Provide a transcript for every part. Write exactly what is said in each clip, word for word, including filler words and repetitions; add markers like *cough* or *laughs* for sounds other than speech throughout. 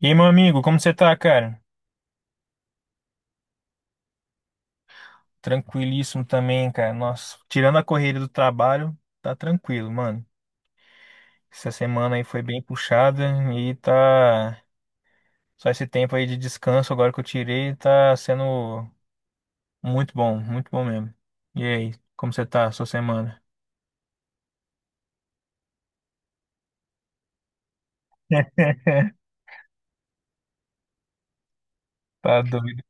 E aí, meu amigo, como você tá, cara? Tranquilíssimo também, cara. Nossa, tirando a correria do trabalho, tá tranquilo, mano. Essa semana aí foi bem puxada e tá. Só esse tempo aí de descanso agora que eu tirei tá sendo muito bom, muito bom mesmo. E aí, como você tá, sua semana? *laughs* Tá doido.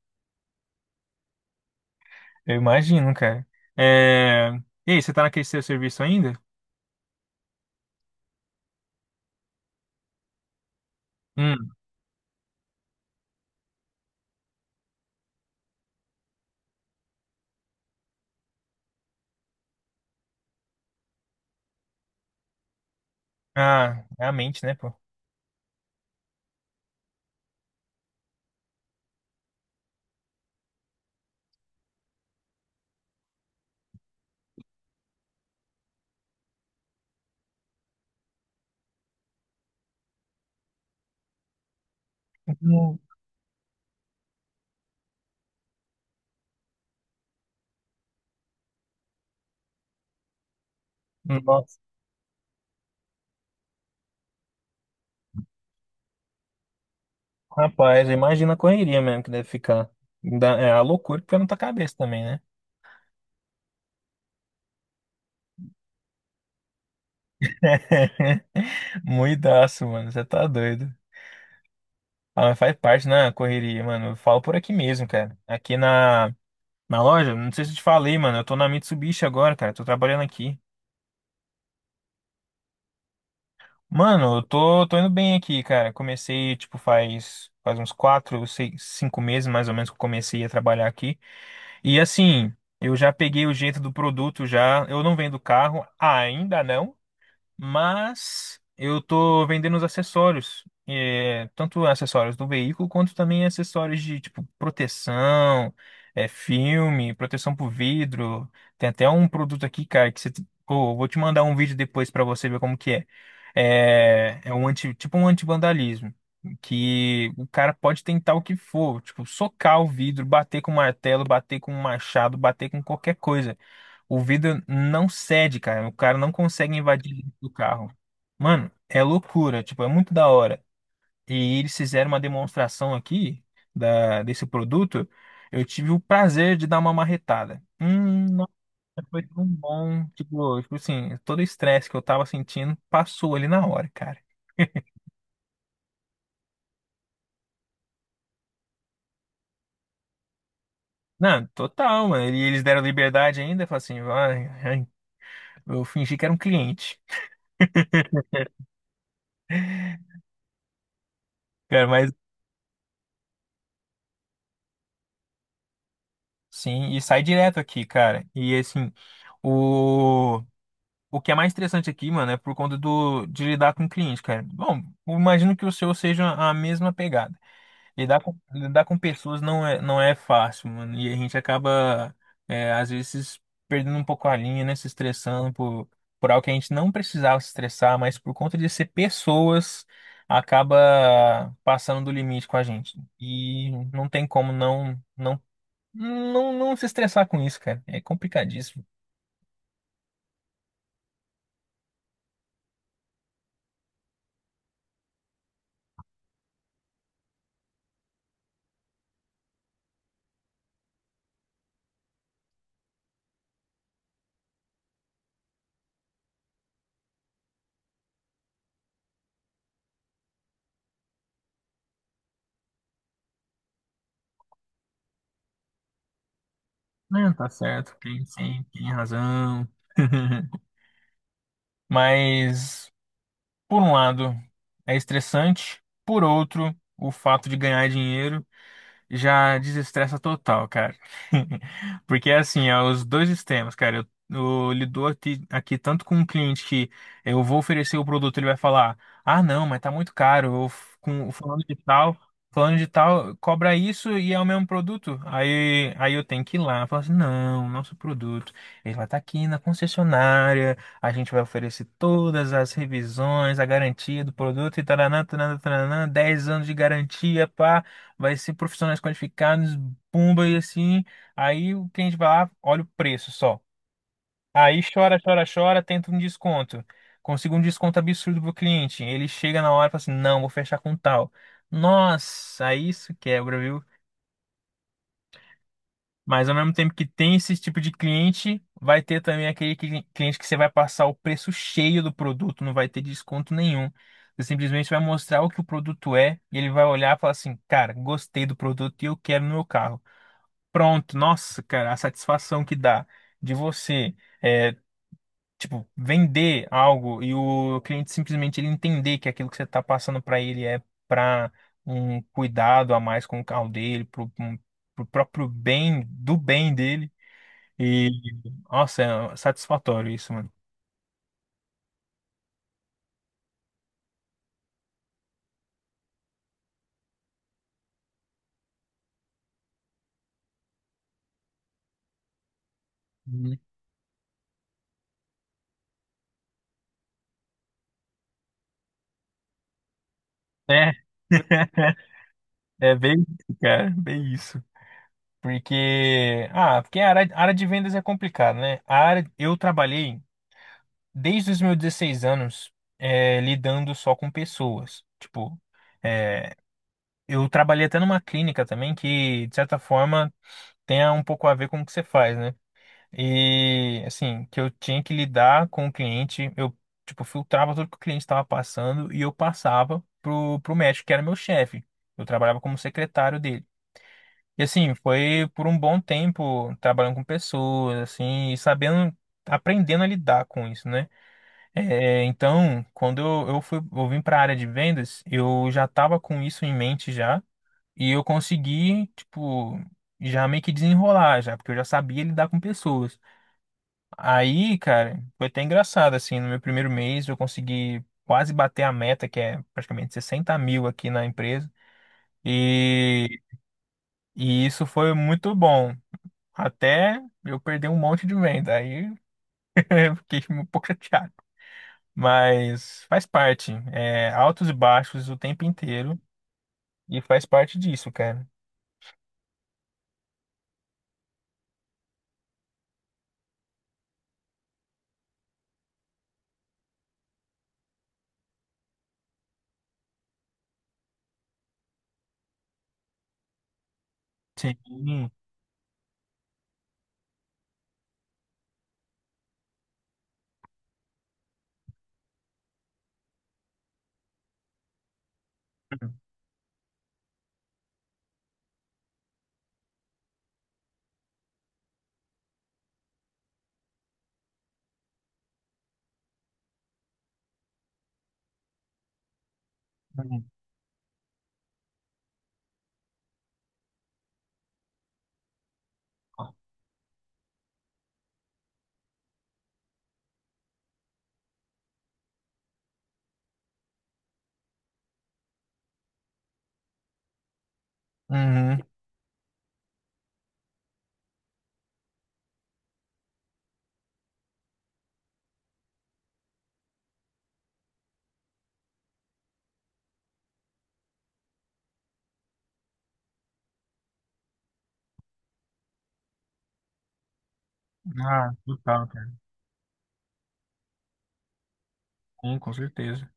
Eu imagino, cara. É... E aí, você tá naquele seu serviço ainda? Hum. Ah, é a mente, né, pô? Hum. Nossa. Rapaz, imagina a correria mesmo que deve ficar. Dá- É a loucura que fica na tua cabeça também, né? *laughs* Muidaço, mano. Você tá doido. Ah, mas faz parte, né? A correria, mano. Eu falo por aqui mesmo, cara. Aqui na, na loja, não sei se eu te falei, mano. Eu tô na Mitsubishi agora, cara. Tô trabalhando aqui. Mano, eu tô, tô indo bem aqui, cara. Comecei, tipo, faz, faz uns quatro, seis, cinco meses mais ou menos que eu comecei a trabalhar aqui. E assim, eu já peguei o jeito do produto já. Eu não vendo carro, ainda não. Mas eu tô vendendo os acessórios, é, tanto acessórios do veículo quanto também acessórios de tipo proteção, é, filme, proteção pro vidro. Tem até um produto aqui, cara, que você, te- pô, eu vou te mandar um vídeo depois pra você ver como que é. É, é um anti, tipo um antivandalismo. Que o cara pode tentar o que for, tipo, socar o vidro, bater com martelo, bater com um machado, bater com qualquer coisa. O vidro não cede, cara. O cara não consegue invadir dentro do carro. Mano, é loucura. Tipo, é muito da hora. E eles fizeram uma demonstração aqui da, desse produto. Eu tive o prazer de dar uma marretada. Hum, nossa, foi tão bom. Tipo, tipo assim, todo o estresse que eu tava sentindo passou ali na hora, cara. Não, total, mano. E eles deram liberdade ainda. Falaram assim, vai, ai. Eu fingi que era um cliente. Cara, mas sim, e sai direto aqui, cara. E assim. O... O que é mais interessante aqui, mano, é por conta do, de lidar com cliente, cara. Bom, eu imagino que o seu seja a mesma pegada. Lidar com, lidar com pessoas não é, não é fácil, mano. E a gente acaba, é, às vezes, perdendo um pouco a linha, né? Se estressando por, por algo que a gente não precisava se estressar, mas por conta de ser pessoas, acaba passando do limite com a gente. E não tem como não, não, não, não se estressar com isso, cara. É complicadíssimo. Não, tá certo, tem, sim, tem razão. *laughs* Mas, por um lado, é estressante, por outro, o fato de ganhar dinheiro já desestressa total, cara. *laughs* Porque assim, é os dois extremos, cara. Eu, eu lido aqui, aqui tanto com um cliente que eu vou oferecer o produto, ele vai falar: "Ah, não, mas tá muito caro. Eu f- com falando de tal, falando de tal, cobra isso e é o mesmo produto". Aí aí eu tenho que ir lá, falar assim: "Não, nosso produto, ele vai estar aqui na concessionária, a gente vai oferecer todas as revisões, a garantia do produto e taranã, taranã, taranã, dez anos de garantia, pá", vai ser profissionais qualificados, pumba e assim. Aí o cliente vai lá, olha o preço só. Aí chora, chora, chora, tenta um desconto. Consigo um desconto absurdo pro cliente. Ele chega na hora e fala assim: não, vou fechar com tal. Nossa, isso quebra, viu? Mas ao mesmo tempo que tem esse tipo de cliente, vai ter também aquele cli- cliente que você vai passar o preço cheio do produto, não vai ter desconto nenhum. Você simplesmente vai mostrar o que o produto é e ele vai olhar e falar assim: cara, gostei do produto e eu quero no meu carro. Pronto, nossa, cara, a satisfação que dá de você, é, tipo, vender algo e o cliente simplesmente ele entender que aquilo que você está passando para ele é para um cuidado a mais com o carro dele, pro, um- pro próprio bem, do bem dele. E, nossa, é satisfatório isso, mano. Uhum. É, *laughs* é bem isso, cara, bem isso. Porque, ah, porque a área, a área de vendas é complicada, né? A área, eu trabalhei desde os meus dezesseis anos, é, lidando só com pessoas. Tipo, é, eu trabalhei até numa clínica também que, de certa forma, tem um pouco a ver com o que você faz, né? E, assim, que eu tinha que lidar com o cliente, eu, tipo, filtrava tudo que o cliente estava passando e eu passava pro, pro médico, que era meu chefe. Eu trabalhava como secretário dele. E, assim, foi por um bom tempo trabalhando com pessoas, assim, e sabendo, aprendendo a lidar com isso, né? É, então, quando eu, eu fui, eu vim para a área de vendas, eu já estava com isso em mente já, e eu consegui, tipo, já meio que desenrolar já, porque eu já sabia lidar com pessoas. Aí, cara, foi até engraçado, assim, no meu primeiro mês eu consegui quase bater a meta, que é praticamente sessenta mil aqui na empresa, e, e isso foi muito bom, até eu perder um monte de venda, aí *laughs* eu fiquei um pouco chateado. Mas faz parte. É, altos e baixos o tempo inteiro. E faz parte disso, cara. Sim. Uhum. Uhum. Ah, total, cara. Sim, com certeza.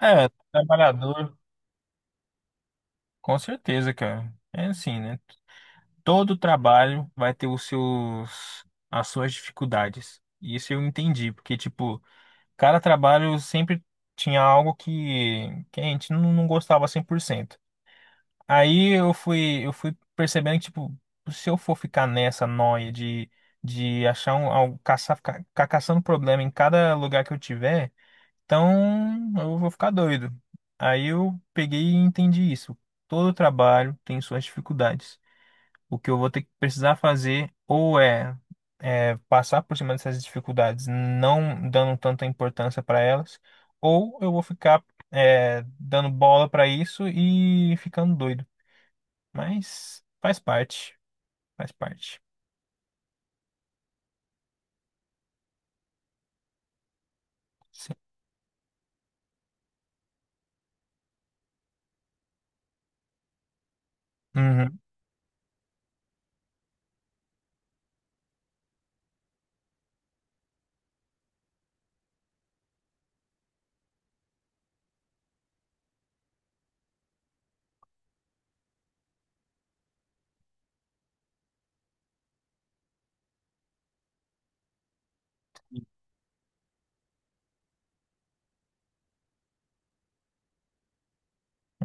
É, trabalhador, com certeza, cara. É assim, né? Todo trabalho vai ter os seus, as suas dificuldades. Isso eu entendi, porque, tipo, cada trabalho sempre tinha algo que, que a gente não, não gostava cem por cento. Aí eu fui, eu fui percebendo que, tipo, se eu for ficar nessa noia de, de achar um, algo, caçar, ficar, ficar caçando problema em cada lugar que eu tiver, então eu vou ficar doido. Aí eu peguei e entendi isso. Todo trabalho tem suas dificuldades. O que eu vou ter que precisar fazer ou é, é passar por cima dessas dificuldades, não dando tanta importância para elas, ou eu vou ficar é, dando bola para isso e ficando doido. Mas faz parte, faz parte. Sim. Uhum.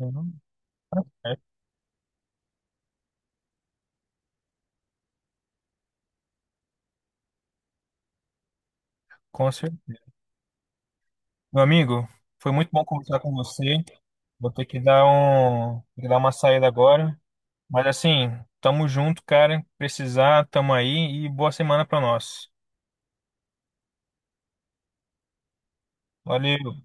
Uhum. Faz parte. Com certeza. Meu amigo, foi muito bom conversar com você. Vou ter que dar um, ter que dar uma saída agora. Mas assim, tamo junto, cara. Precisar, tamo aí e boa semana pra nós. Valeu.